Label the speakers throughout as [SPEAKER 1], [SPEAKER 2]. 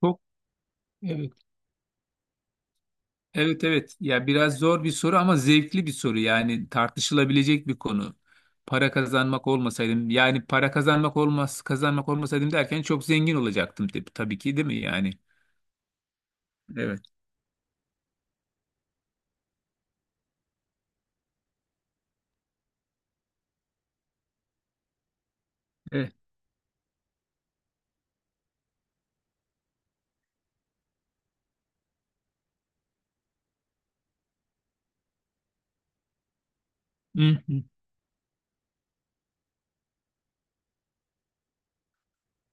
[SPEAKER 1] Çok evet. Evet, evet. Ya biraz zor bir soru ama zevkli bir soru. Yani tartışılabilecek bir konu. Para kazanmak olmasaydım yani para kazanmak olmasaydım derken çok zengin olacaktım tabii, tabii ki, değil mi yani? Evet. Evet.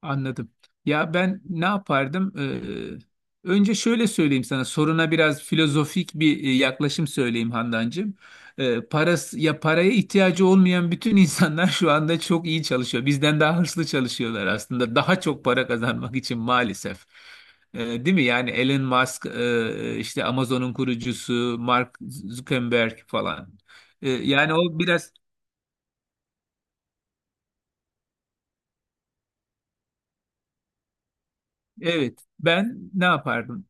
[SPEAKER 1] Anladım. Ya ben ne yapardım? Önce şöyle söyleyeyim sana. Soruna biraz filozofik bir yaklaşım söyleyeyim Handancığım. Parası, ya paraya ihtiyacı olmayan bütün insanlar şu anda çok iyi çalışıyor. Bizden daha hırslı çalışıyorlar aslında. Daha çok para kazanmak için maalesef. Değil mi? Yani Elon Musk, işte Amazon'un kurucusu, Mark Zuckerberg falan. Yani o biraz... Evet, ben ne yapardım?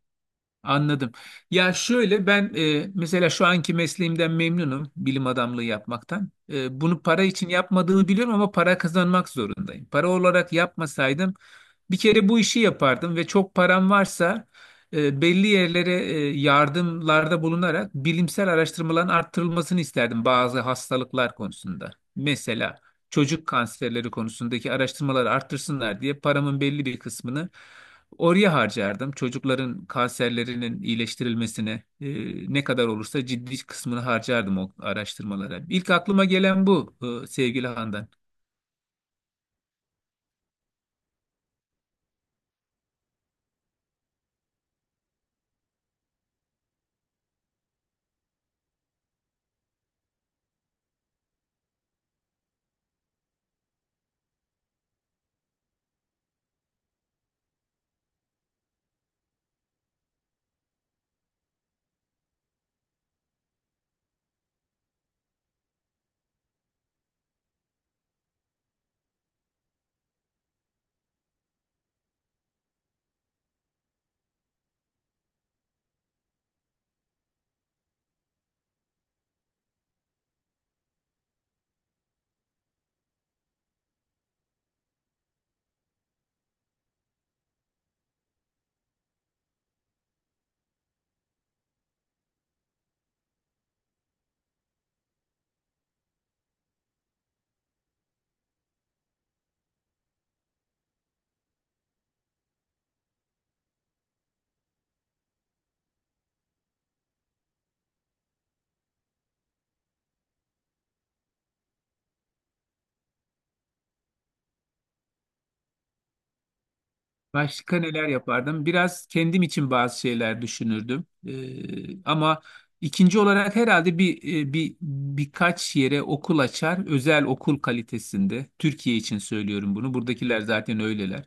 [SPEAKER 1] Anladım. Ya şöyle ben mesela şu anki mesleğimden memnunum, bilim adamlığı yapmaktan. E, bunu para için yapmadığımı biliyorum ama para kazanmak zorundayım. Para olarak yapmasaydım bir kere bu işi yapardım ve çok param varsa belli yerlere yardımlarda bulunarak bilimsel araştırmaların arttırılmasını isterdim bazı hastalıklar konusunda. Mesela çocuk kanserleri konusundaki araştırmaları arttırsınlar diye paramın belli bir kısmını oraya harcardım. Çocukların kanserlerinin iyileştirilmesine, ne kadar olursa ciddi kısmını harcardım o araştırmalara. İlk aklıma gelen bu, sevgili Handan. Başka neler yapardım? Biraz kendim için bazı şeyler düşünürdüm. Ama ikinci olarak herhalde bir, bir birkaç yere okul açar, özel okul kalitesinde. Türkiye için söylüyorum bunu. Buradakiler zaten öyleler.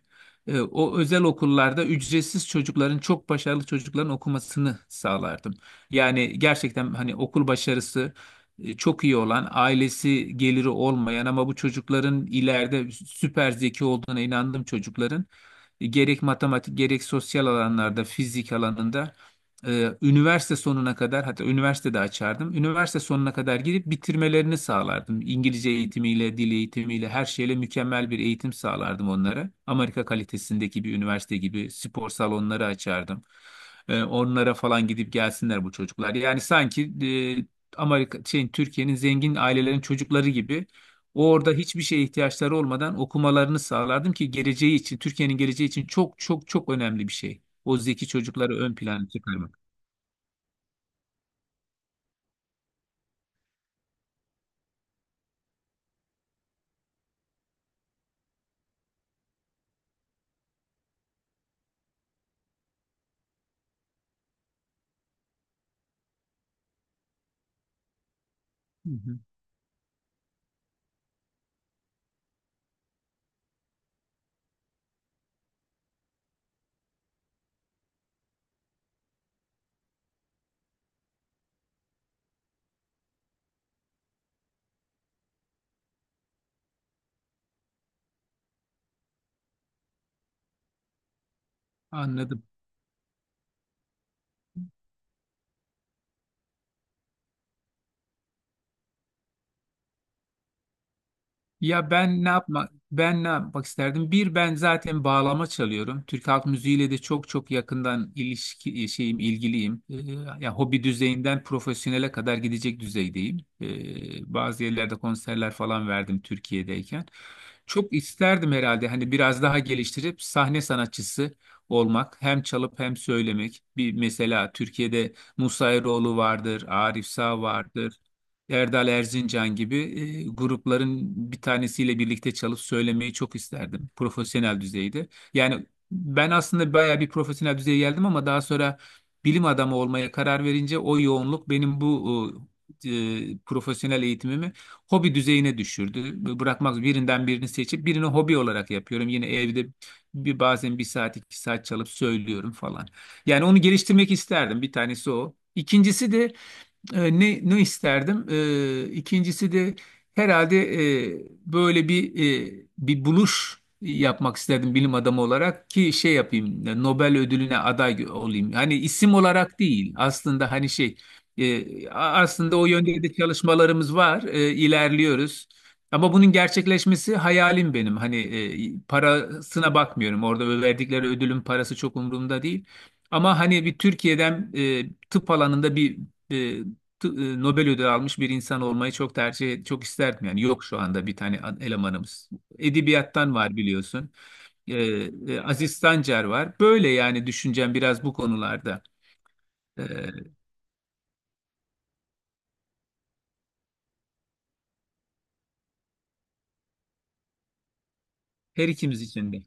[SPEAKER 1] O özel okullarda ücretsiz çocukların, çok başarılı çocukların okumasını sağlardım. Yani gerçekten hani okul başarısı çok iyi olan, ailesi geliri olmayan ama bu çocukların ileride süper zeki olduğuna inandığım çocukların gerek matematik gerek sosyal alanlarda, fizik alanında üniversite sonuna kadar, hatta üniversite de açardım. Üniversite sonuna kadar gidip bitirmelerini sağlardım. İngilizce eğitimiyle, dil eğitimiyle, her şeyle mükemmel bir eğitim sağlardım onlara. Amerika kalitesindeki bir üniversite gibi spor salonları açardım. Onlara falan gidip gelsinler bu çocuklar. Yani sanki Amerika şeyin Türkiye'nin zengin ailelerin çocukları gibi orada hiçbir şeye ihtiyaçları olmadan okumalarını sağlardım ki geleceği için, Türkiye'nin geleceği için çok çok çok önemli bir şey. O zeki çocukları ön plana çıkarmak. Hı hı. Anladım. Ben ne yapmak isterdim? Bir ben zaten bağlama çalıyorum. Türk halk müziğiyle de çok çok yakından ilişki e, şeyim ilgiliyim. Ya hobi düzeyinden profesyonele kadar gidecek düzeydeyim. Bazı yerlerde konserler falan verdim Türkiye'deyken. Çok isterdim herhalde, hani biraz daha geliştirip sahne sanatçısı olmak, hem çalıp hem söylemek. Bir mesela Türkiye'de Musa Eroğlu vardır, Arif Sağ vardır. Erdal Erzincan gibi grupların bir tanesiyle birlikte çalıp söylemeyi çok isterdim profesyonel düzeyde. Yani ben aslında bayağı bir profesyonel düzeye geldim ama daha sonra bilim adamı olmaya karar verince o yoğunluk benim bu e, profesyonel eğitimimi hobi düzeyine düşürdü. Bırakmak, birinden birini seçip birini hobi olarak yapıyorum. Yine evde bazen bir saat, iki saat çalıp söylüyorum falan. Yani onu geliştirmek isterdim. Bir tanesi o. İkincisi de, ikincisi de herhalde e, böyle bir, bir buluş yapmak isterdim bilim adamı olarak ki şey yapayım, Nobel ödülüne olayım. Hani isim olarak değil aslında, hani şey, aslında o yönde de çalışmalarımız var, ilerliyoruz. Ama bunun gerçekleşmesi hayalim benim. Hani, parasına bakmıyorum. Orada verdikleri ödülün parası çok umurumda değil. Ama hani bir Türkiye'den, tıp alanında bir, e, Nobel ödülü almış bir insan olmayı çok isterdim. Yani yok şu anda bir tane elemanımız. Edebiyattan var biliyorsun. Ee, Aziz Sancar var. Böyle yani düşüncem biraz bu konularda. Ee, Her ikimiz için de.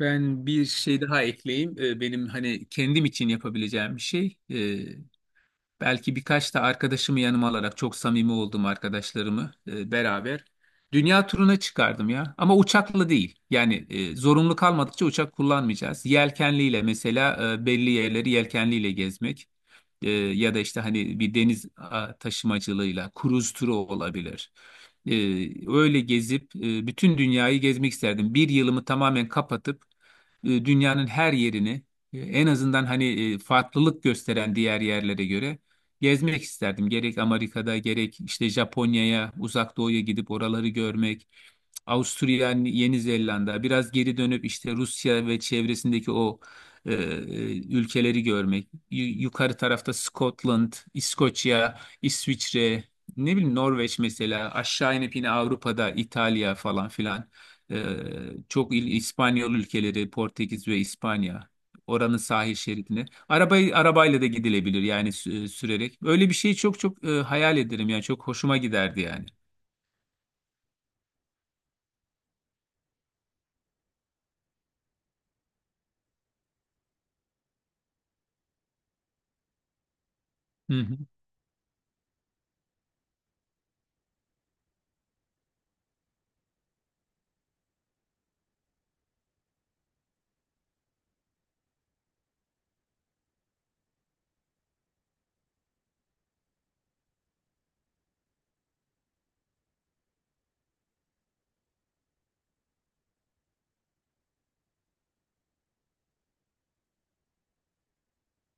[SPEAKER 1] Ben bir şey daha ekleyeyim. Benim hani kendim için yapabileceğim bir şey. Belki birkaç da arkadaşımı yanıma alarak, çok samimi olduğum arkadaşlarımı beraber dünya turuna çıkardım ya. Ama uçakla değil. Yani zorunlu kalmadıkça uçak kullanmayacağız. Yelkenliyle mesela, belli yerleri yelkenliyle gezmek. Ya da işte hani bir taşımacılığıyla kruz turu olabilir. E, Öyle gezip bütün dünyayı gezmek isterdim. Bir yılımı tamamen kapatıp dünyanın her yerini, en azından hani farklılık gösteren diğer yerlere göre gezmek isterdim. Gerek Amerika'da, gerek işte Japonya'ya, Uzak Doğu'ya gidip oraları görmek. Avusturya, Yeni Zelanda, biraz geri dönüp işte Rusya ve çevresindeki o e, e, ülkeleri görmek, yukarı tarafta Scotland, İskoçya, İsviçre, ne bileyim Norveç, mesela aşağı inip yine Avrupa'da İtalya falan filan. Ee, Çok İspanyol ülkeleri, Portekiz ve İspanya, oranın sahil şeridine arabayla da gidilebilir yani sürerek. Öyle bir şeyi çok çok hayal ederim yani, çok hoşuma giderdi yani. Hı hı.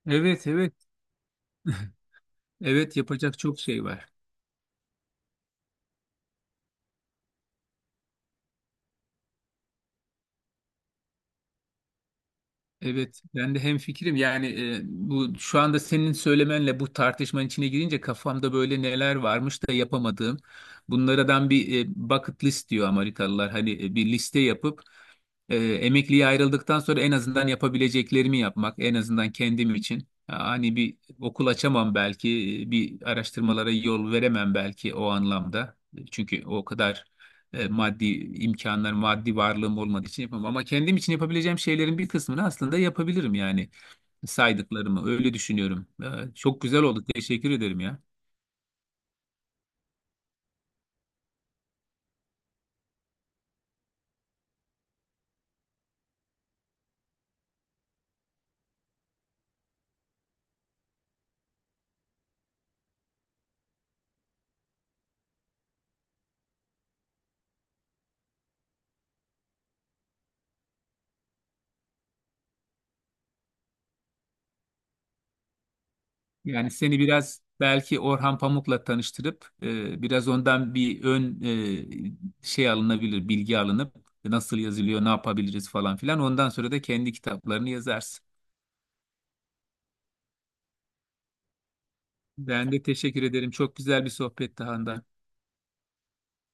[SPEAKER 1] Evet, evet. Evet, yapacak çok şey var. Evet, ben de hemfikirim. Yani, bu şu anda senin söylemenle bu tartışmanın içine girince kafamda böyle neler varmış da yapamadığım. Bunlardan bir, bucket list diyor Amerikalılar. Hani bir liste yapıp emekliye ayrıldıktan sonra en azından yapabileceklerimi yapmak, en azından kendim için. Hani bir okul açamam belki, bir araştırmalara yol veremem belki o anlamda. E, çünkü o kadar maddi imkanlar, maddi varlığım olmadığı için yapamam. Ama kendim için yapabileceğim şeylerin bir kısmını aslında yapabilirim, yani saydıklarımı. Öyle düşünüyorum. Çok güzel oldu. Teşekkür ederim ya. Yani seni biraz belki Orhan Pamuk'la tanıştırıp, biraz ondan bir ön, şey alınabilir, bilgi alınıp nasıl yazılıyor, ne yapabiliriz falan filan. Ondan sonra da kendi kitaplarını yazarsın. Ben de teşekkür ederim. Çok güzel bir sohbetti, Handan.